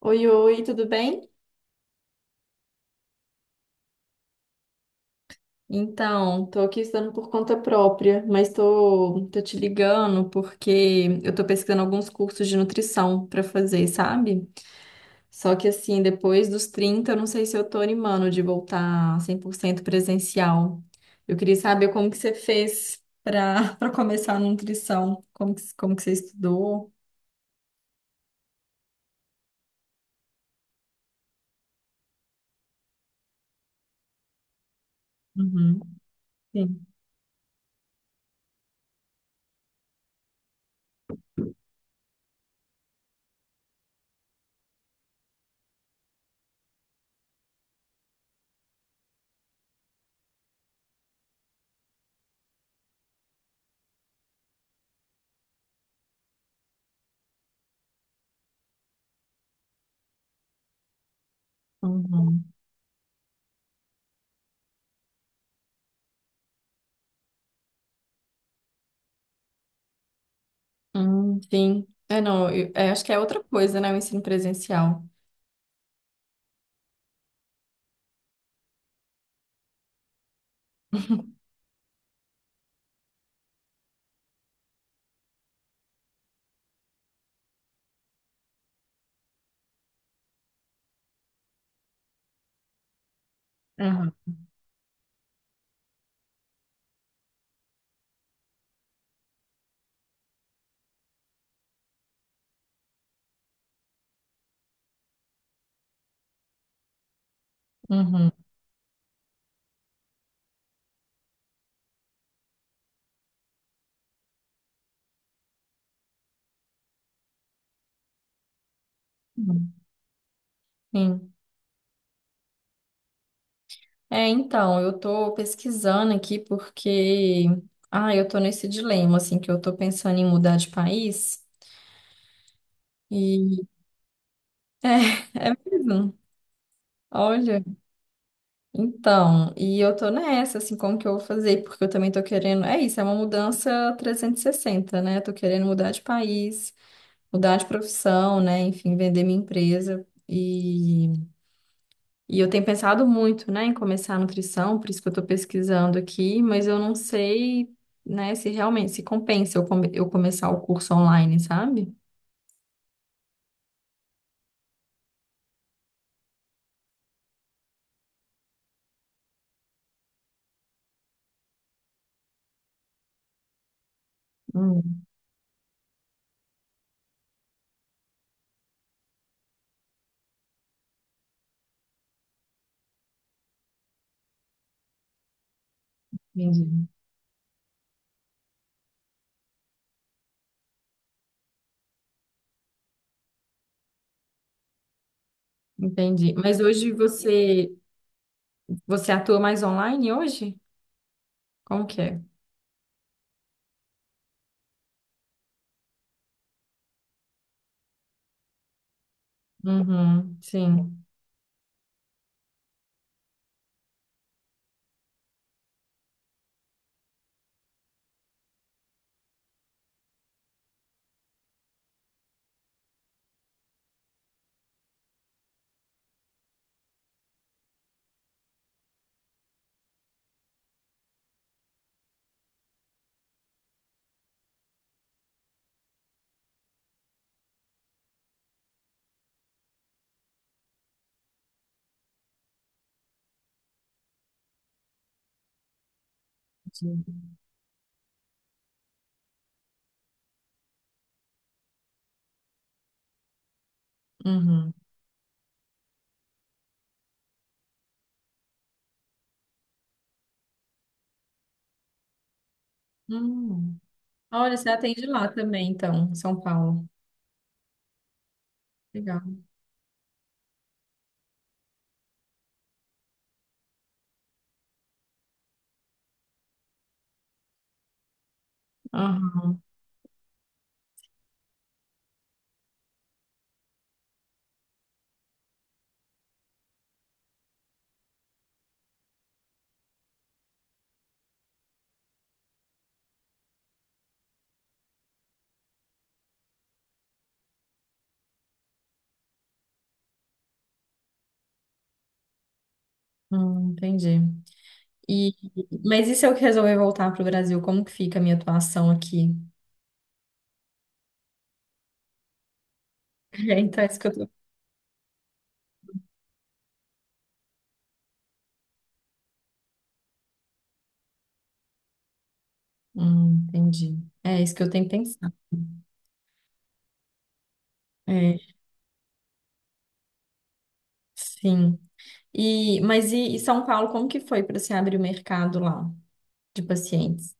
Oi, oi, tudo bem? Então, tô aqui estudando por conta própria, mas tô te ligando porque eu tô pesquisando alguns cursos de nutrição pra fazer, sabe? Só que assim, depois dos 30, eu não sei se eu tô animando de voltar 100% presencial. Eu queria saber como que você fez pra para começar a nutrição, como que você estudou? Uhum, sim. Uhum. Sim. É, não, é, acho que é outra coisa, né? O ensino presencial. Uhum. Uhum. Sim. É, então, eu tô pesquisando aqui porque, ah, eu tô nesse dilema, assim, que eu tô pensando em mudar de país e, é, é mesmo, olha, então, e eu tô nessa, assim, como que eu vou fazer? Porque eu também tô querendo, é isso, é uma mudança 360, né? Tô querendo mudar de país, mudar de profissão, né? Enfim, vender minha empresa E eu tenho pensado muito, né, em começar a nutrição, por isso que eu estou pesquisando aqui, mas eu não sei, né, se realmente se compensa eu começar o curso online, sabe? Hum, entendi. Entendi. Mas hoje você atua mais online hoje? Como que é? Uhum, sim. Entendi. Uhum. Hum. Olha, você atende lá também, então, em São Paulo. Legal. Aham. Entendi. E, mas e se eu resolver voltar para o Brasil, como que fica a minha atuação aqui? É, então é isso que eu tô. Entendi. É isso que eu tenho que pensar. É, sim. E, mas e São Paulo, como que foi para se abrir o mercado lá de pacientes?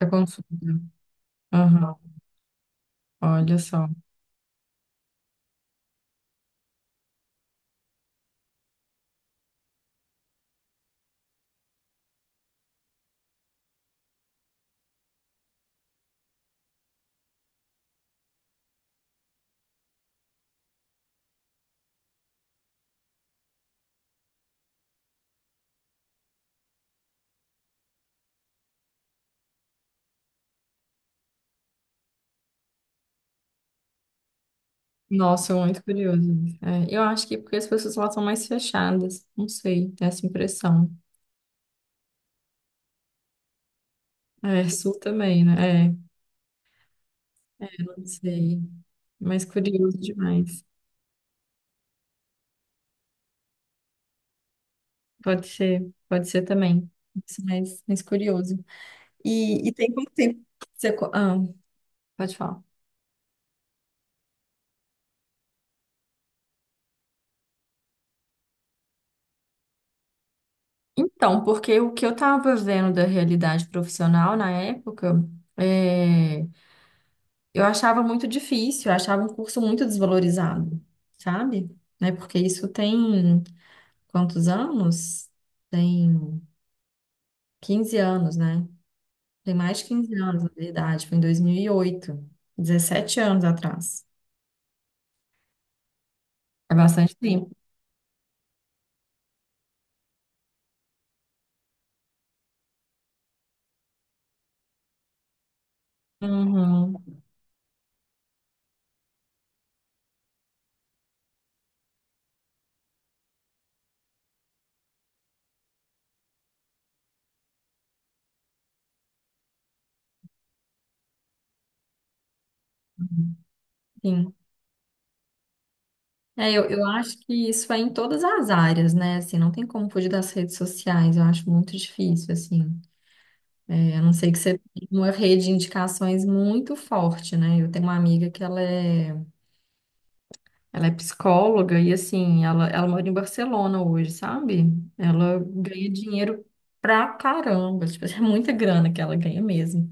Da consulta. Aham, olha só. Nossa, eu muito curioso. É, eu acho que porque as pessoas lá são mais fechadas. Não sei, tem essa impressão. É, sul também, né? É, não sei. Mas curioso demais. Pode ser também. Isso, mas curioso. E tem quanto tempo que você. Ah, pode falar. Então, porque o que eu estava vendo da realidade profissional na época, é, eu achava muito difícil, eu achava um curso muito desvalorizado, sabe? Né? Porque isso tem quantos anos? Tem 15 anos, né? Tem mais de 15 anos, na verdade, foi em 2008, 17 anos atrás. É bastante tempo. Uhum. Sim. É, eu acho que isso é em todas as áreas, né? Assim, não tem como fugir das redes sociais. Eu acho muito difícil, assim. É, a não ser que você tenha uma rede de indicações muito forte, né? Eu tenho uma amiga que ela é psicóloga e, assim, ela mora em Barcelona hoje, sabe? Ela ganha dinheiro pra caramba, tipo, é muita grana que ela ganha mesmo.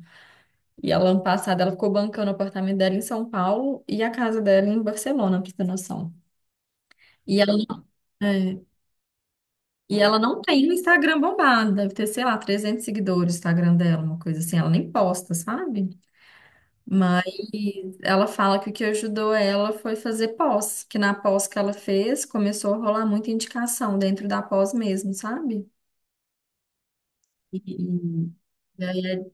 E ela, ano passado, ela ficou bancando o apartamento dela em São Paulo e a casa dela em Barcelona, pra você ter noção. E ela, é, e ela não tem o Instagram bombado, deve ter, sei lá, 300 seguidores o Instagram dela, uma coisa assim, ela nem posta, sabe? Mas ela fala que o que ajudou ela foi fazer pós, que na pós que ela fez começou a rolar muita indicação dentro da pós mesmo, sabe? E, e- aí é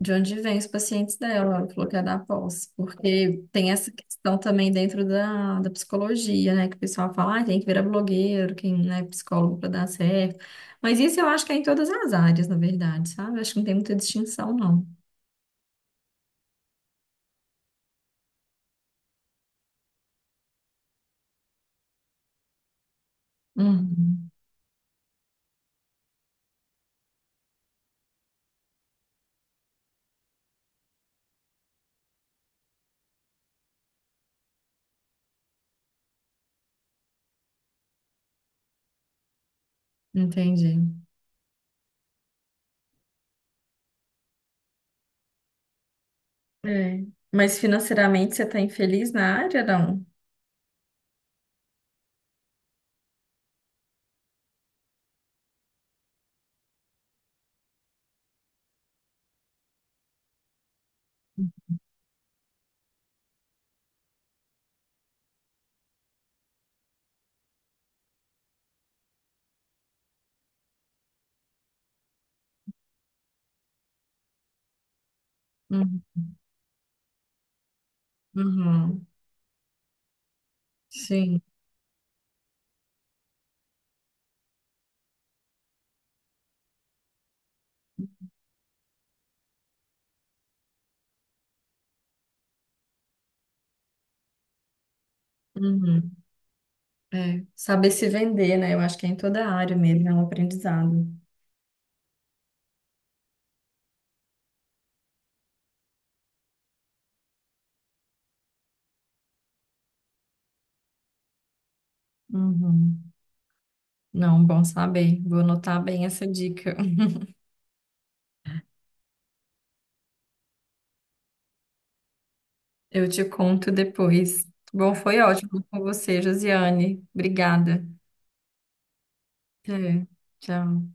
de onde vem os pacientes dela, ela falou que é da pós, porque tem essa questão também dentro da psicologia, né? Que o pessoal fala, ah, tem que virar blogueiro, quem não é psicólogo para dar certo. Mas isso eu acho que é em todas as áreas, na verdade, sabe? Acho que não tem muita distinção, não. Uhum, entendi. É. Mas financeiramente você está infeliz na área, não? Uhum. Uhum. Sim. Uhum. É. Saber se vender, né? Eu acho que é em toda a área mesmo, é um aprendizado. Uhum. Não, bom saber. Vou anotar bem essa dica. Eu te conto depois. Bom, foi ótimo com você, Josiane. Obrigada. É. Tchau.